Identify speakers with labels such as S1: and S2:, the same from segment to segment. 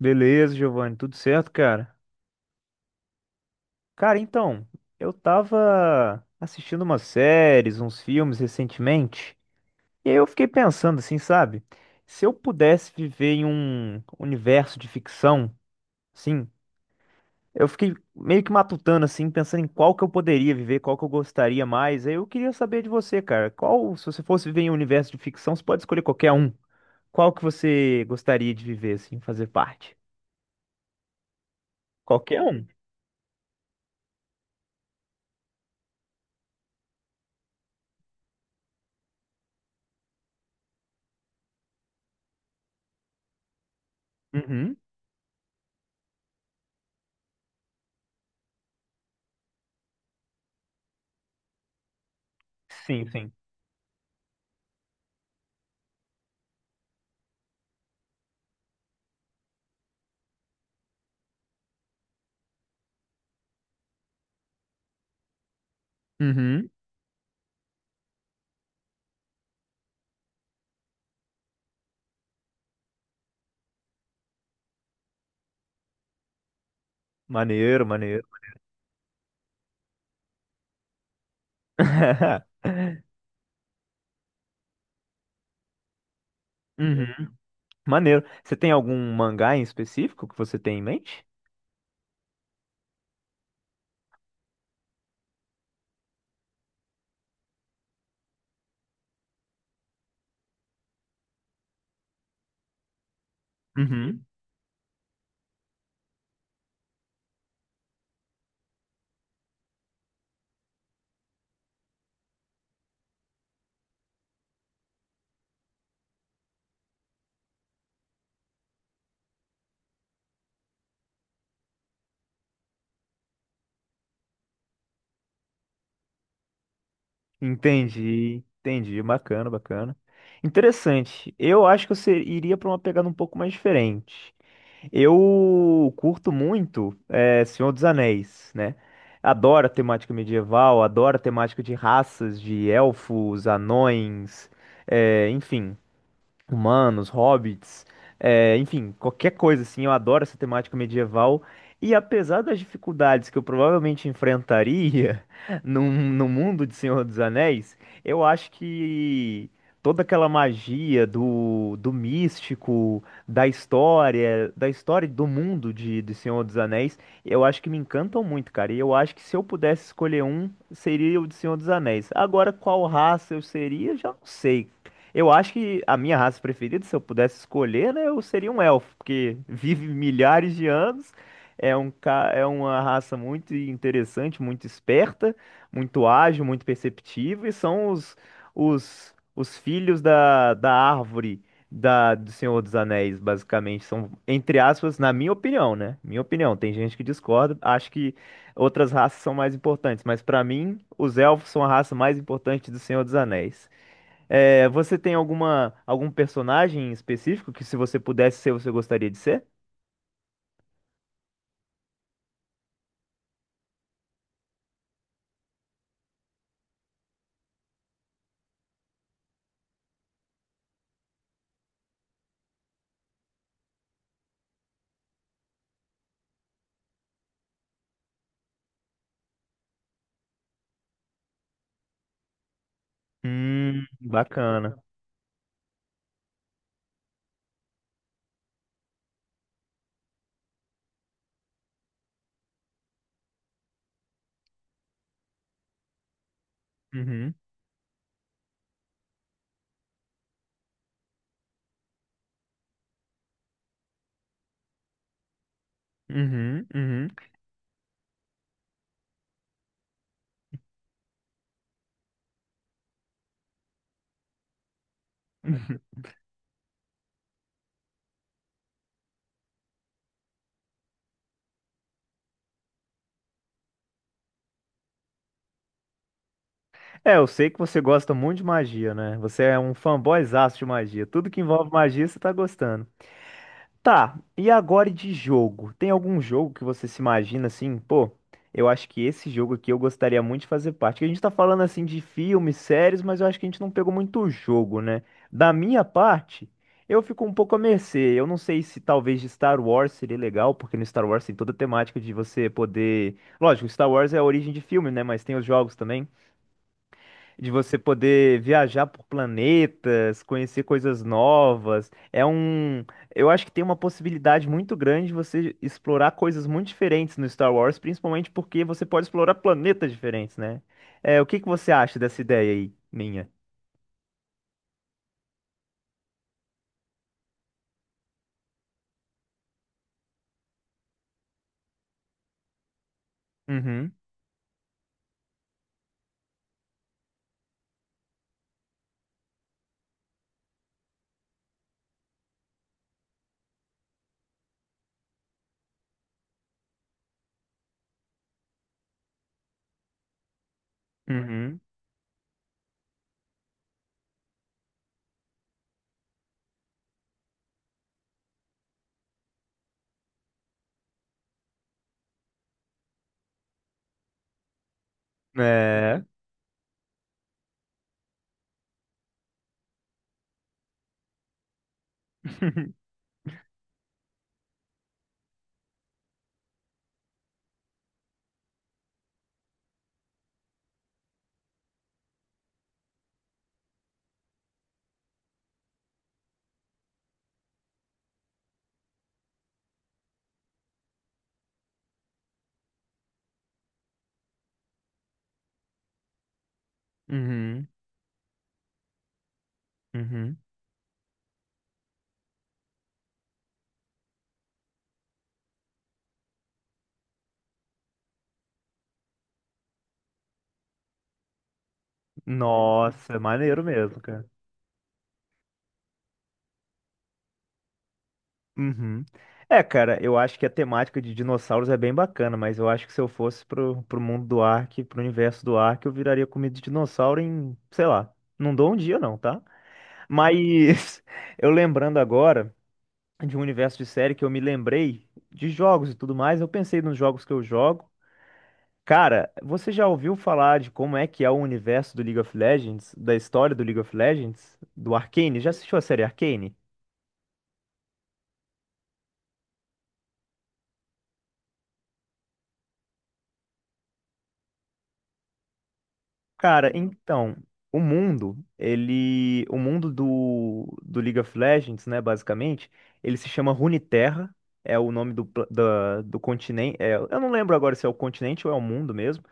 S1: Beleza, Giovanni, tudo certo, cara? Cara, então, eu tava assistindo umas séries, uns filmes recentemente, e aí eu fiquei pensando assim, sabe? Se eu pudesse viver em um universo de ficção, assim, eu fiquei meio que matutando assim, pensando em qual que eu poderia viver, qual que eu gostaria mais. Aí eu queria saber de você, cara, qual, se você fosse viver em um universo de ficção, você pode escolher qualquer um. Qual que você gostaria de viver assim, fazer parte? Qualquer um. Uhum. Sim, sim. Uhum. Maneiro, maneiro. Uhum, maneiro. Você tem algum mangá em específico que você tem em mente? Uhum. Entendi, entendi. Bacana, bacana. Interessante. Eu acho que iria para uma pegada um pouco mais diferente. Eu curto muito Senhor dos Anéis, né? Adoro a temática medieval, adoro a temática de raças, de elfos, anões, eh, enfim. Humanos, hobbits, é, enfim, qualquer coisa assim. Eu adoro essa temática medieval. E apesar das dificuldades que eu provavelmente enfrentaria no mundo de Senhor dos Anéis, eu acho que toda aquela magia do místico, da história e do mundo de Senhor dos Anéis, eu acho que me encantam muito, cara. E eu acho que se eu pudesse escolher um, seria o de Senhor dos Anéis. Agora, qual raça eu seria, eu já não sei, eu acho que a minha raça preferida, se eu pudesse escolher, né, eu seria um elfo, porque vive milhares de anos, é um, é uma raça muito interessante, muito esperta, muito ágil, muito perceptiva, e são os filhos da árvore do Senhor dos Anéis, basicamente. São, entre aspas, na minha opinião, né? Minha opinião, tem gente que discorda, acho que outras raças são mais importantes, mas para mim, os elfos são a raça mais importante do Senhor dos Anéis. É, você tem algum personagem específico que se você pudesse ser, você gostaria de ser? Bacana. Uhum, uhum. É, eu sei que você gosta muito de magia, né? Você é um fanboyzaço de magia. Tudo que envolve magia, você tá gostando. Tá, e agora de jogo? Tem algum jogo que você se imagina assim, pô, eu acho que esse jogo aqui eu gostaria muito de fazer parte. Que a gente tá falando assim de filmes, séries, mas eu acho que a gente não pegou muito jogo, né? Da minha parte, eu fico um pouco à mercê. Eu não sei se talvez de Star Wars seria legal, porque no Star Wars tem toda a temática de você poder. Lógico, Star Wars é a origem de filme, né? Mas tem os jogos também de você poder viajar por planetas, conhecer coisas novas. É um, eu acho que tem uma possibilidade muito grande de você explorar coisas muito diferentes no Star Wars, principalmente porque você pode explorar planetas diferentes, né? É, o que que você acha dessa ideia aí, minha? Uhum, uhum, é. Uhum, uhum. Nossa, maneiro mesmo, cara. Uhum. É, cara, eu acho que a temática de dinossauros é bem bacana, mas eu acho que se eu fosse pro mundo do Ark, pro universo do Ark, eu viraria comida de dinossauro em, sei lá, não dou um dia não, tá? Mas eu lembrando agora de um universo de série que eu me lembrei de jogos e tudo mais, eu pensei nos jogos que eu jogo. Cara, você já ouviu falar de como é que é o universo do League of Legends, da história do League of Legends, do Arcane? Já assistiu a série Arcane? Cara, então, o mundo do League of Legends, né, basicamente, ele se chama Runeterra, é o nome do continente, é, eu não lembro agora se é o continente ou é o mundo mesmo,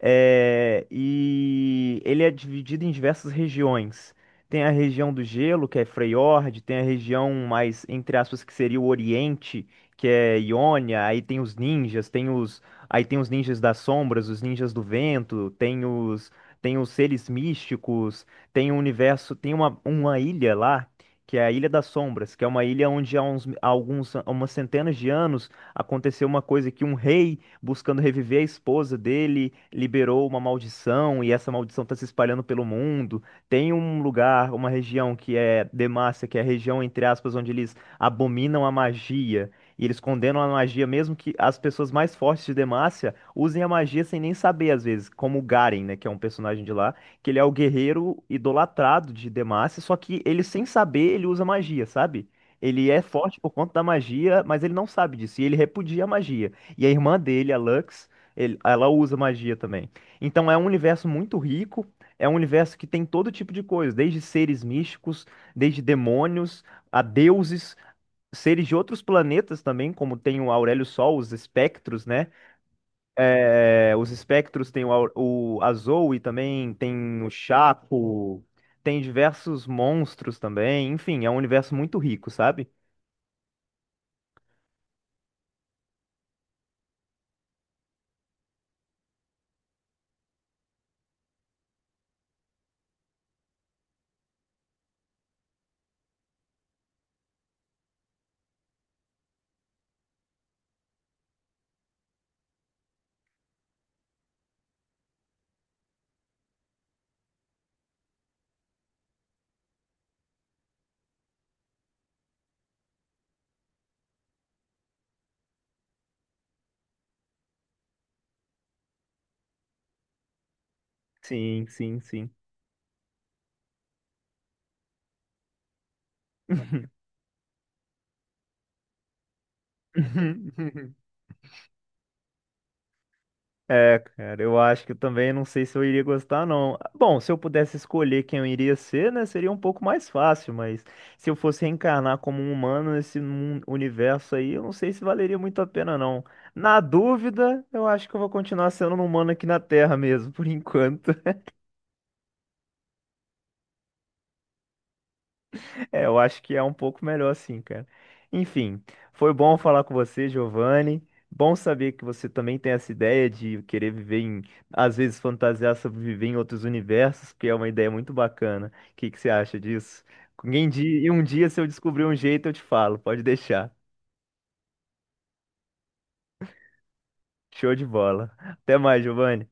S1: é, e ele é dividido em diversas regiões. Tem a região do gelo, que é Freyjord. Tem a região mais, entre aspas, que seria o Oriente, que é Iônia, aí tem os ninjas, aí tem os ninjas das sombras, os ninjas do vento, tem os seres místicos, tem o universo, tem uma ilha lá, que é a Ilha das Sombras, que é uma ilha onde há uns, há alguns, há umas centenas de anos aconteceu uma coisa que um rei buscando reviver a esposa dele, liberou uma maldição e essa maldição está se espalhando pelo mundo. Tem um lugar, uma região que é Demacia, que é a região, entre aspas, onde eles abominam a magia. E eles condenam a magia, mesmo que as pessoas mais fortes de Demacia usem a magia sem nem saber, às vezes, como o Garen, né, que é um personagem de lá, que ele é o guerreiro idolatrado de Demacia, só que ele, sem saber, ele usa magia, sabe? Ele é forte por conta da magia, mas ele não sabe disso, e ele repudia a magia. E a irmã dele, a Lux, ela usa magia também. Então é um universo muito rico, é um universo que tem todo tipo de coisa, desde seres místicos, desde demônios, a deuses, seres de outros planetas também, como tem o Aurélio Sol, os espectros, né? É, os espectros tem o, Au- o a Zoe também, tem o Chaco, tem diversos monstros também. Enfim, é um universo muito rico, sabe? Sim, sim, sim. É, cara, eu acho que eu também não sei se eu iria gostar, não. Bom, se eu pudesse escolher quem eu iria ser, né, seria um pouco mais fácil, mas se eu fosse reencarnar como um humano universo aí, eu não sei se valeria muito a pena, não. Na dúvida, eu acho que eu vou continuar sendo um humano aqui na Terra mesmo, por enquanto. É, eu acho que é um pouco melhor assim, cara. Enfim, foi bom falar com você, Giovanni. Bom saber que você também tem essa ideia de querer viver em, às vezes fantasiar sobre viver em outros universos, que é uma ideia muito bacana. O que que você acha disso? E um dia, se eu descobrir um jeito, eu te falo. Pode deixar. Show de bola. Até mais, Giovanni.